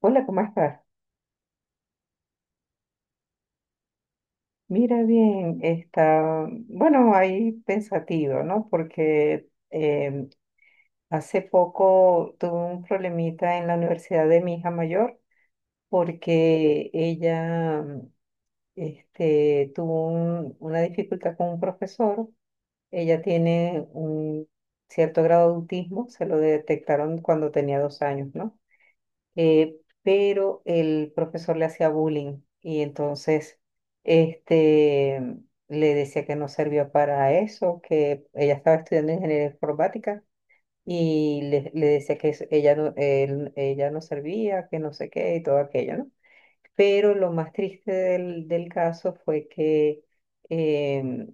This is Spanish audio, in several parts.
Hola, ¿cómo estás? Mira bien, está, bueno, ahí pensativo, ¿no? Porque hace poco tuve un problemita en la universidad de mi hija mayor porque ella tuvo una dificultad con un profesor. Ella tiene un cierto grado de autismo, se lo detectaron cuando tenía 2 años, ¿no? eh, pero el profesor le hacía bullying y entonces este, le decía que no servía para eso, que ella estaba estudiando ingeniería informática y le decía que ella no servía, que no sé qué y todo aquello, ¿no? Pero lo más triste del caso fue que... em,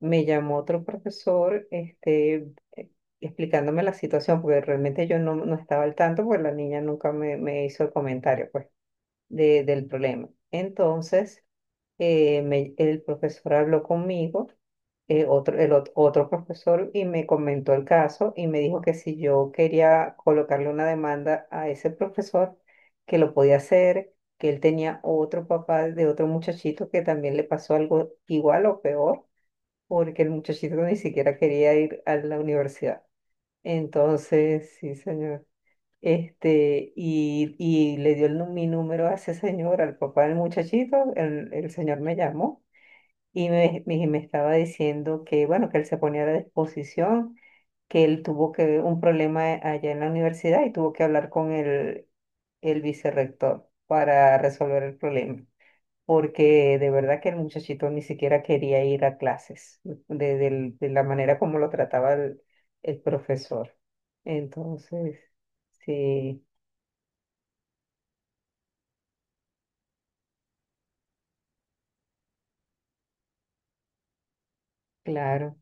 me llamó otro profesoreh, explicándome la situación, porque realmente yo no, no estaba al tanto, porque la niña nunca me hizo el comentario, pues, del problema. Entonces, el profesor habló conmigo, otro profesor, y me comentó el caso y me dijo que si yo quería colocarle una demanda a ese profesor, que lo podía hacer, que él tenía otro papá de otro muchachito que también le pasó algo igual o peor porque el muchachito ni siquiera quería ir a la universidad. Entonces, sí, señor. Y le dio mi número a ese señor, al papá del muchachito. El señor me llamó y me estaba diciendo que, bueno, que él se ponía a la disposición, que él tuvo un problema allá en la universidad y tuvo que hablar con el vicerrector para resolver el problema porque de verdad que el muchachito ni siquiera quería ir a clases, de la manera como lo trataba el profesor. Entonces, sí, claro.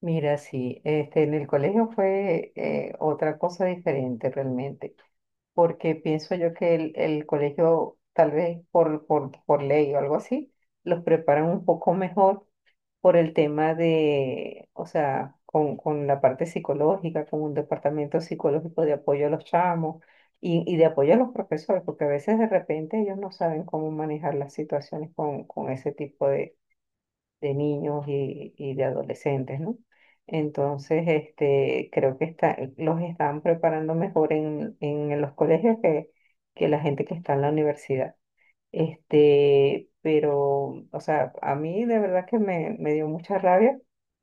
Mira, sí, en el colegio fue otra cosa diferente realmente, porque pienso yo que el colegio, tal vez por ley o algo así, los preparan un poco mejor por el tema de, o sea, con la parte psicológica, con un departamento psicológico de apoyo a los chamos y de apoyo a los profesores, porque a veces de repente ellos no saben cómo manejar las situaciones con ese tipo de niños y de adolescentes, ¿no? Entonces, creo que los están preparando mejor en los colegios que la gente que está en la universidad. Pero, o sea, a mí de verdad que me dio mucha rabia,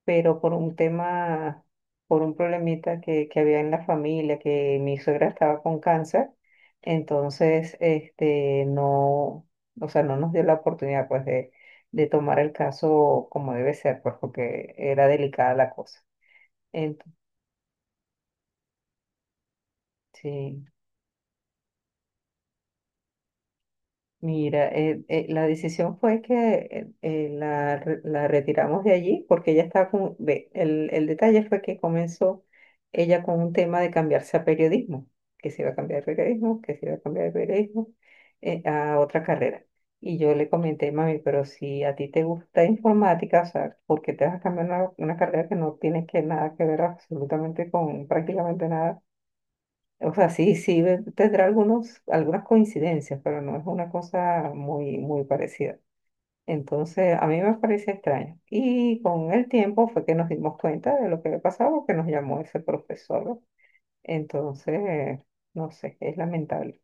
pero por un tema, por un problemita que había en la familia, que mi suegra estaba con cáncer, entonces, no, o sea, no nos dio la oportunidad, pues, de tomar el caso como debe ser, pues, porque era delicada la cosa. Entonces, mira, la decisión fue que la retiramos de allí porque ella estaba con, el detalle fue que comenzó ella con un tema de cambiarse a periodismo, que se iba a cambiar de periodismo, que se iba a cambiar de periodismo a otra carrera. Y yo le comenté, mami, pero si a ti te gusta informática, o sea, ¿por qué te vas a cambiar una carrera que no tiene que nada que ver absolutamente con prácticamente nada? O sea, sí, sí, tendrá algunas coincidencias, pero no es una cosa muy, muy parecida. Entonces, a mí me parecía extraño. Y con el tiempo fue que nos dimos cuenta de lo que había pasado, porque nos llamó ese profesor, ¿no? Entonces, no sé, es lamentable.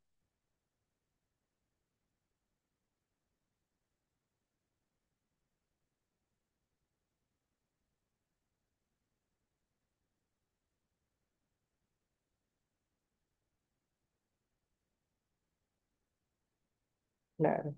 Claro,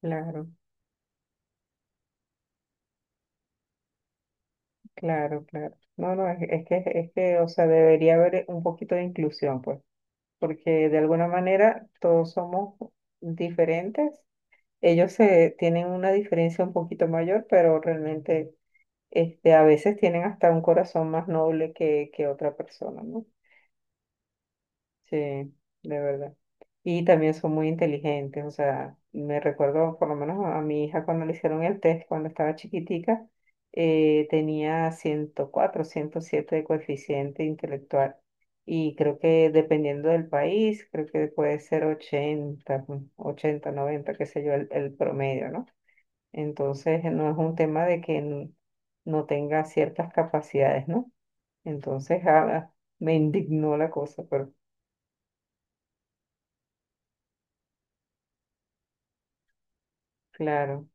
claro, claro, claro. No, no, es que, o sea, debería haber un poquito de inclusión, pues, porque de alguna manera todos somos diferentes. Ellos se tienen una diferencia un poquito mayor, pero realmente a veces tienen hasta un corazón más noble que otra persona, ¿no? Sí, de verdad. Y también son muy inteligentes, o sea, me recuerdo por lo menos a mi hija cuando le hicieron el test, cuando estaba chiquitica, tenía 104, 107 de coeficiente intelectual. Y creo que dependiendo del país, creo que puede ser 80, 80, 90, qué sé yo, el promedio, ¿no? Entonces, no es un tema de no tenga ciertas capacidades, ¿no? Entonces, ah, me indignó la cosa, pero claro,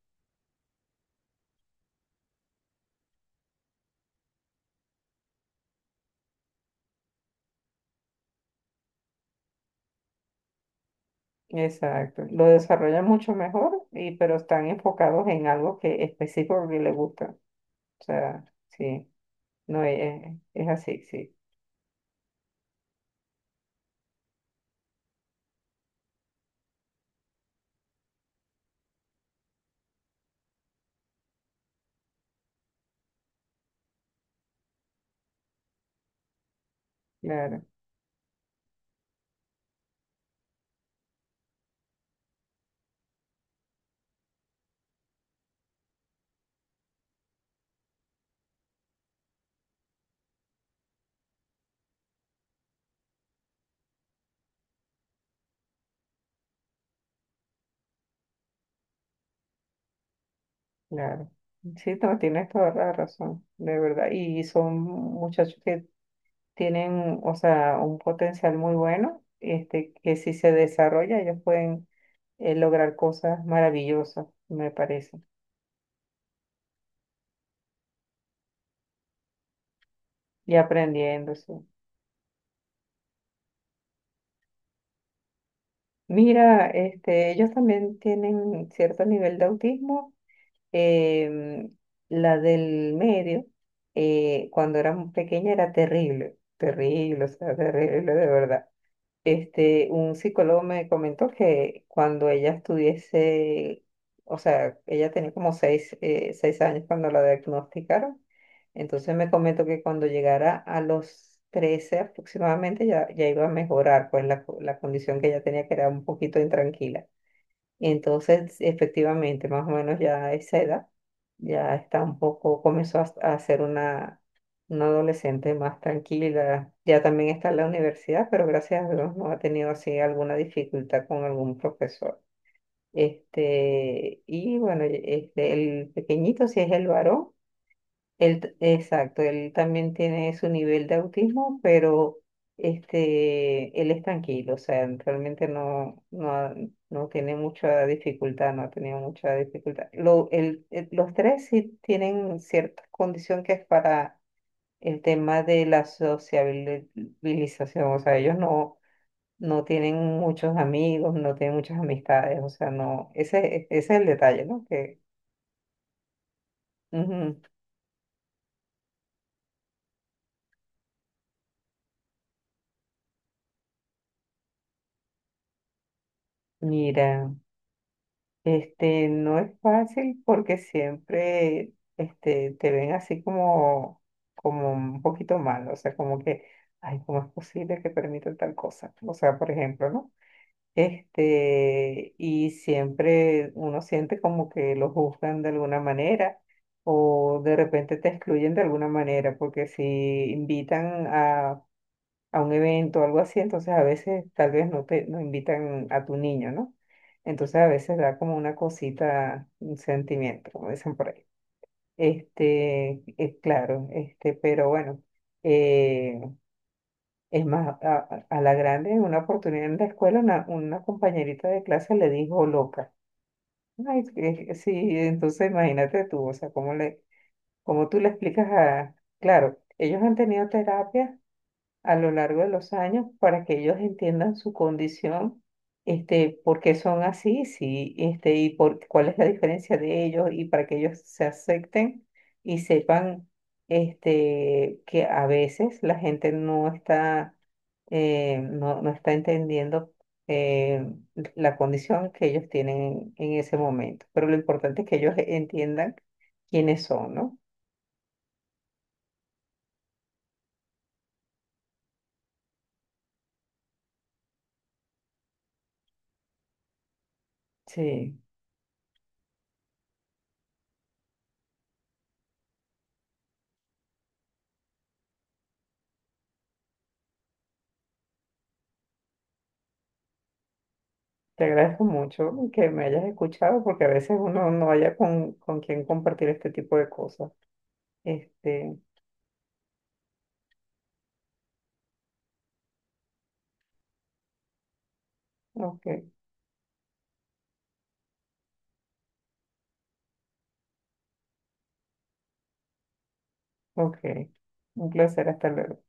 exacto. Lo desarrollan mucho mejor, pero están enfocados en algo que específico que le gusta. O sea, sí, no, es, así, sí, claro, claro. Sí, no, tienes toda la razón, de verdad. Y son muchachos que tienen, o sea, un potencial muy bueno, que si se desarrolla, ellos pueden lograr cosas maravillosas, me parece, y aprendiendo, sí. Mira, ellos también tienen cierto nivel de autismo. em, la del medio, cuando era pequeña, era terrible, terrible, o sea, terrible de verdad. Un psicólogo me comentó que cuando ella estuviese, o sea, ella tenía como 6 años cuando la diagnosticaron, entonces me comentó que cuando llegara a los 13 aproximadamente ya, ya iba a mejorar, pues la condición que ella tenía que era un poquito intranquila. Entonces, efectivamente, más o menos ya a esa edad, ya está un poco, comenzó a ser una adolescente más tranquila. Ya también está en la universidad, pero gracias a Dios no ha tenido así alguna dificultad con algún profesor. Y bueno, el pequeñito, si es el varón, exacto, él también tiene su nivel de autismo, pero él es tranquilo, o sea, realmente no, no, no tiene mucha dificultad, no ha tenido mucha dificultad. Los tres sí tienen cierta condición que es para el tema de la sociabilización, o sea, ellos no, no tienen muchos amigos, no tienen muchas amistades, o sea, no, ese es el detalle, ¿no? Que, ujú, mira. No es fácil porque siempre te ven así como, como un poquito mal, o sea, como que, ay, ¿cómo es posible que permitan tal cosa? O sea, por ejemplo, ¿no? Y siempre uno siente como que lo juzgan de alguna manera o de repente te excluyen de alguna manera, porque si invitan a un evento o algo así, entonces a veces tal vez no te no invitan a tu niño, ¿no? Entonces a veces da como una cosita, un sentimiento, como dicen por ahí. Es claro, pero bueno, eh, es más, a, la grande, en una oportunidad en la escuela, una compañerita de clase le dijo loca. Ay, sí, entonces imagínate tú, o sea, cómo tú le explicas a, claro, ellos han tenido terapia a lo largo de los años para que ellos entiendan su condición, por qué son así, sí, y por cuál es la diferencia de ellos y para que ellos se acepten y sepan que a veces la gente no está, no, no está entendiendo eh, la condición que ellos tienen en ese momento. Pero lo importante es que ellos entiendan quiénes son, ¿no? Sí. Te agradezco mucho que me hayas escuchado porque a veces uno no haya con quién compartir este tipo de cosas. Este, ok, ok. Un placer, hasta luego.